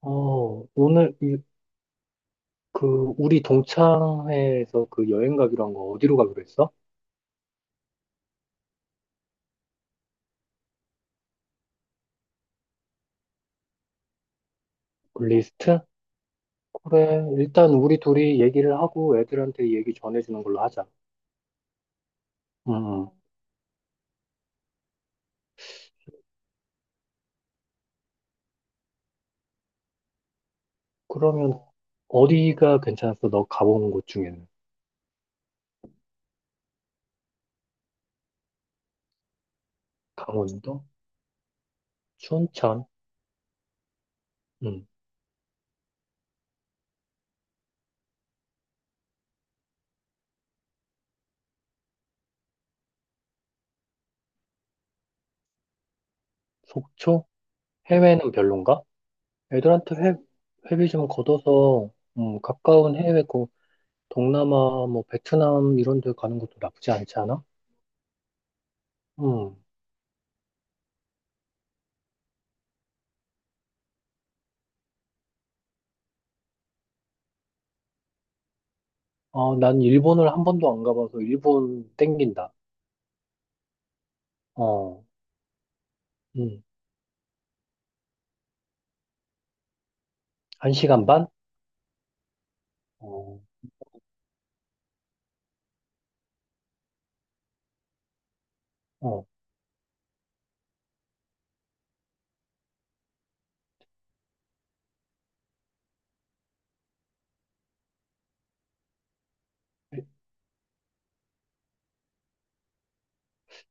오늘 이, 그 우리 동창회에서 그 여행 가기로 한 거 어디로 가기로 했어? 그 리스트? 그래, 일단 우리 둘이 얘기를 하고 애들한테 얘기 전해주는 걸로 하자. 음, 그러면 어디가 괜찮았어? 너 가본 곳 중에는? 강원도? 춘천? 음, 속초? 해외는 별론가? 애들한테 회비 좀 걷어서 가까운 해외 고 동남아, 뭐 베트남 이런 데 가는 것도 나쁘지 않지 않아? 응. 난 일본을 한 번도 안 가봐서 일본 땡긴다. 어, 음, 한 시간 반? 어, 어. 일-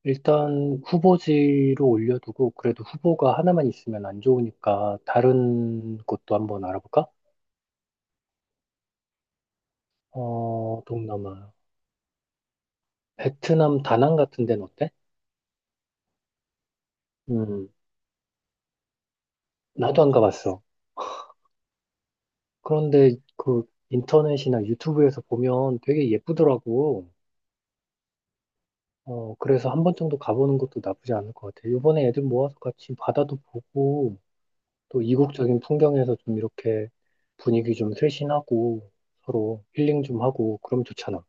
일단 후보지로 올려두고 그래도 후보가 하나만 있으면 안 좋으니까 다른 곳도 한번 알아볼까? 동남아. 베트남 다낭 같은 데는 어때? 음, 나도 안 가봤어. 그런데 그 인터넷이나 유튜브에서 보면 되게 예쁘더라고. 그래서 한 번 정도 가보는 것도 나쁘지 않을 것 같아. 요번에 애들 모아서 같이 바다도 보고, 또 이국적인 풍경에서 좀 이렇게 분위기 좀 쇄신하고 서로 힐링 좀 하고 그럼 좋잖아.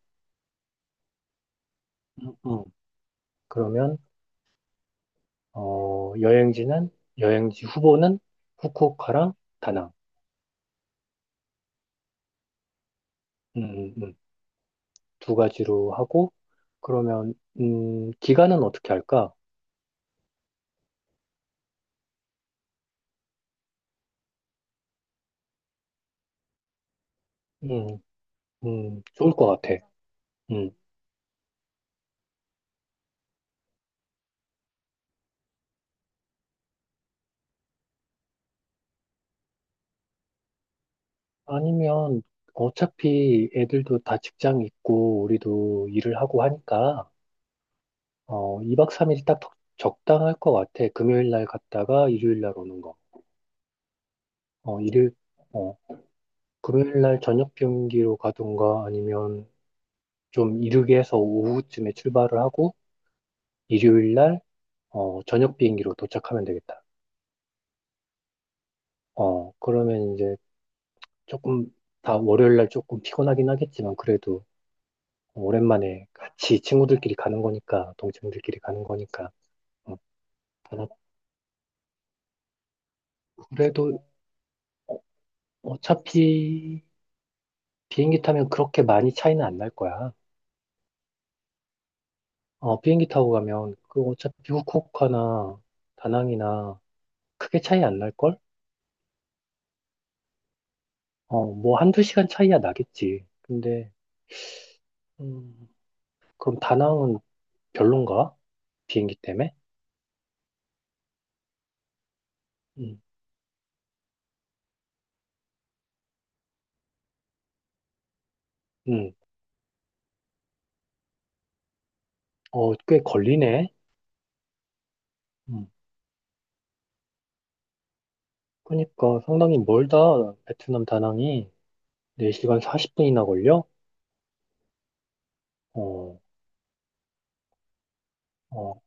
응, 응. 그러면 어, 여행지는 여행지 후보는 후쿠오카랑 다낭. 음, 음, 음. 두 가지로 하고 그러면 기간은 어떻게 할까? 음, 좋을 것 같아. 음. 아니면 어차피 애들도 다 직장 있고 우리도 일을 하고 하니까 2박 3일 딱 적당할 것 같아. 금요일 날 갔다가 일요일 날 오는 거. 어, 일요일, 어, 금요일 날 저녁 비행기로 가든가 아니면 좀 이르게 해서 오후쯤에 출발을 하고 일요일 날, 저녁 비행기로 도착하면 되겠다. 그러면 이제 조금 다 월요일 날 조금 피곤하긴 하겠지만 그래도 오랜만에 같이 친구들끼리 가는 거니까, 동생들끼리 가는 거니까. 어, 그래도 어차피 비행기 타면 그렇게 많이 차이는 안 날 거야. 비행기 타고 가면 그 어차피 후쿠오카나 다낭이나 크게 차이 안 날걸? 뭐 한두 시간 차이야 나겠지. 근데 음, 그럼 다낭은 별론가? 비행기 때문에? 음, 음, 꽤 걸리네. 음, 그러니까 상당히 멀다. 베트남 다낭이 4시간 40분이나 걸려? 어, 어,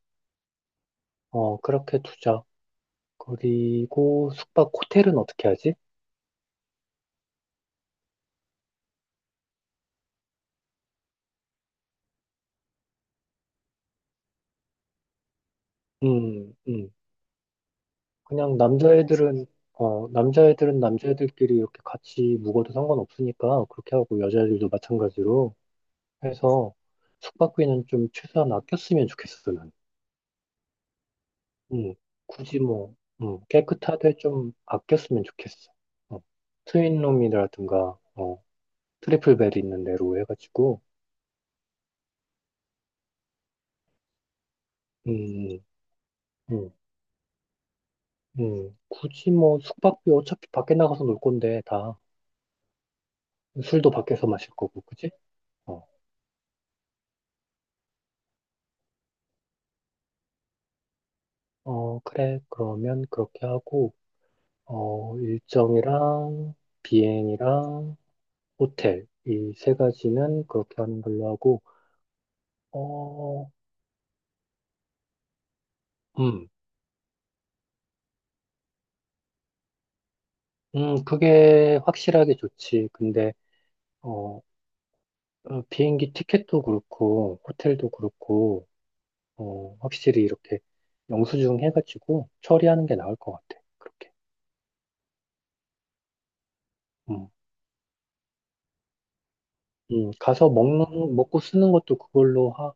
어, 그렇게 두자. 그리고 숙박 호텔은 어떻게 하지? 음, 음. 그냥 남자애들은 남자애들끼리 이렇게 같이 묵어도 상관없으니까 그렇게 하고 여자애들도 마찬가지로 해서 숙박비는 좀 최소한 아꼈으면 좋겠어, 난. 음, 굳이 뭐, 깨끗하되 좀 아꼈으면 좋겠어. 어, 트윈룸이라든가, 트리플 벨 있는 데로 해가지고, 음, 음, 굳이 뭐 숙박비 어차피 밖에 나가서 놀 건데 다 술도 밖에서 마실 거고, 그지? 그래. 그러면 그렇게 하고, 일정이랑 비행이랑 호텔, 이 세 가지는 그렇게 하는 걸로 하고, 어, 음, 그게 확실하게 좋지. 근데, 어, 비행기 티켓도 그렇고, 호텔도 그렇고, 확실히 이렇게 영수증 해가지고 처리하는 게 나을 것 같아. 그렇게. 음, 가서 먹고 쓰는 것도 그걸로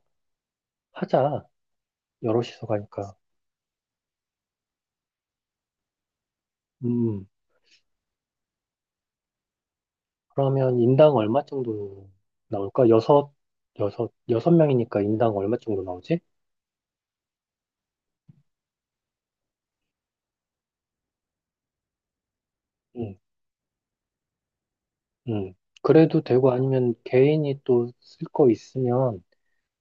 하자. 여럿이서 가니까. 음. 그러면 인당 얼마 정도 나올까? 여섯 명이니까 인당 얼마 정도 나오지? 응, 응. 그래도 되고 아니면 개인이 또 쓸 거 있으면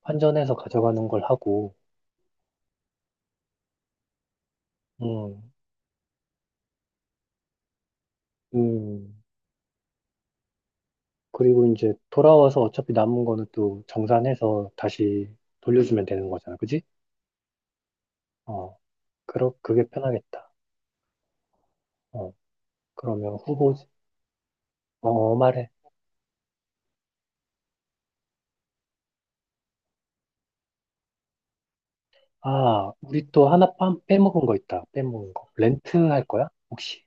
환전해서 가져가는 걸 하고, 응, 음. 그리고 이제 돌아와서 어차피 남은 거는 또 정산해서 다시 돌려주면 되는 거잖아. 그지? 어, 그게 편하겠다. 어, 그러면 후보, 말해. 아, 우리 또 하나 빼먹은 거 있다. 빼먹은 거. 렌트 할 거야? 혹시?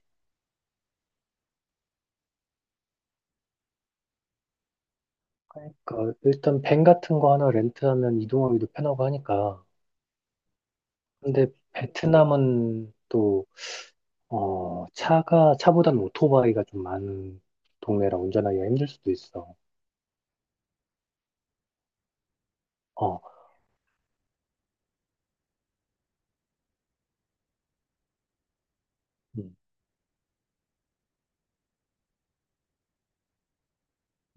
그러니까 일단 밴 같은 거 하나 렌트하면 이동하기도 편하고 하니까. 근데 베트남은 또 어, 차가 차보다는 오토바이가 좀 많은 동네라 운전하기가 힘들 수도 있어. 어, 음,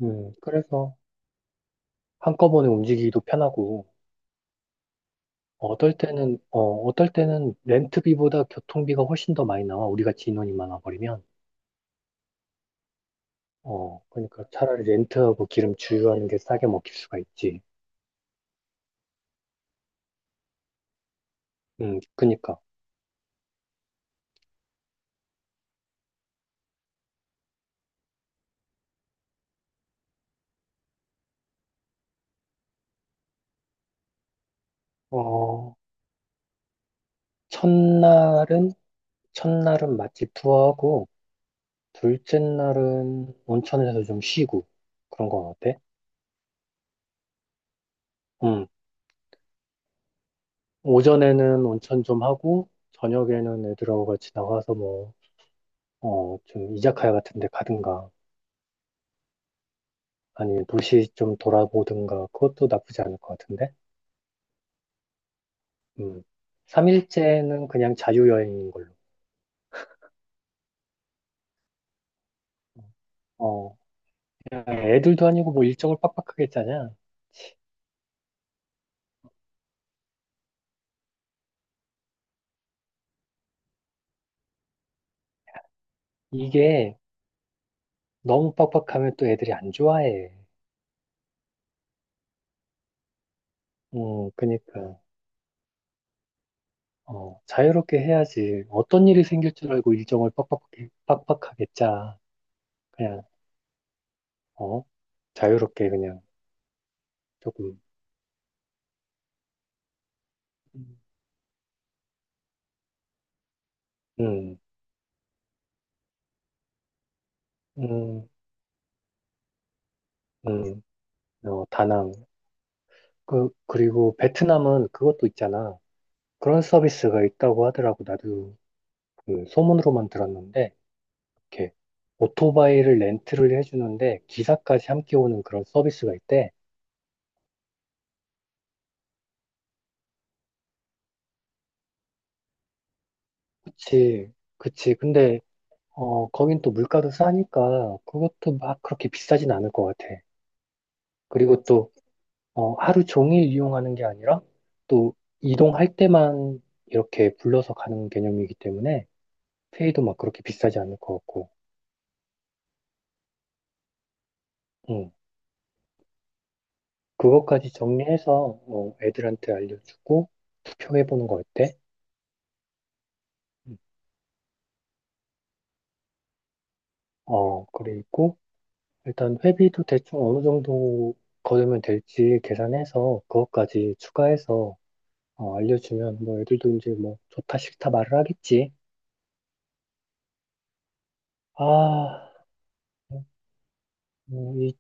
그래서 한꺼번에 움직이기도 편하고 어떨 때는 렌트비보다 교통비가 훨씬 더 많이 나와. 우리 같이 인원이 많아 버리면. 그러니까 차라리 렌트하고 기름 주유하는 게 싸게 먹힐 수가 있지. 그러니까. 어, 첫날은 첫날은 맛집 투어하고, 둘째 날은 온천에서 좀 쉬고, 그런 건 어때? 음, 오전에는 온천 좀 하고, 저녁에는 애들하고 같이 나가서 뭐, 좀 이자카야 같은 데 가든가, 아니면 도시 좀 돌아보든가, 그것도 나쁘지 않을 것 같은데? 음, 3일째는 그냥 자유여행인 걸로. 어, 그냥 애들도 아니고 뭐 일정을 빡빡하게 짜냐? 이게 너무 빡빡하면 또 애들이 안 좋아해. 그니까. 자유롭게 해야지. 어떤 일이 생길 줄 알고 일정을 빡빡하게 짜. 그냥, 어, 자유롭게 그냥 조금, 음. 음, 음, 음, 다낭. 그리고 베트남은 그것도 있잖아. 그런 서비스가 있다고 하더라고. 나도 그 소문으로만 들었는데, 이렇게 오토바이를 렌트를 해주는데 기사까지 함께 오는 그런 서비스가 있대. 그치, 그치. 근데 거긴 또 물가도 싸니까 그것도 막 그렇게 비싸진 않을 것 같아. 그리고 또, 하루 종일 이용하는 게 아니라 또 이동할 때만 이렇게 불러서 가는 개념이기 때문에 페이도 막 그렇게 비싸지 않을 것 같고, 응. 그것까지 정리해서 애들한테 알려주고 투표해보는 거 어때? 음. 그리고 일단 회비도 대충 어느 정도 거두면 될지 계산해서 그것까지 추가해서 알려주면 뭐 애들도 이제 뭐 좋다 싫다 말을 하겠지. 아, 이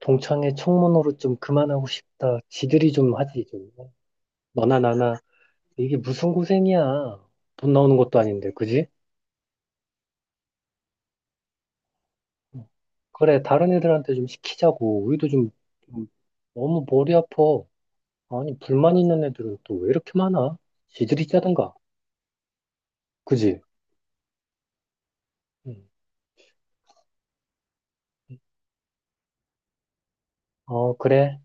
동창회 청문회로 좀 그만하고 싶다. 지들이 좀 하지 좀. 너나 나나 이게 무슨 고생이야. 돈 나오는 것도 아닌데, 그지? 어, 그래, 다른 애들한테 좀 시키자고. 우리도 좀, 좀 너무 머리 아파. 아니, 불만 있는 애들은 또 왜 이렇게 많아? 지들이 짜든가, 그지? 응. 어, 그래.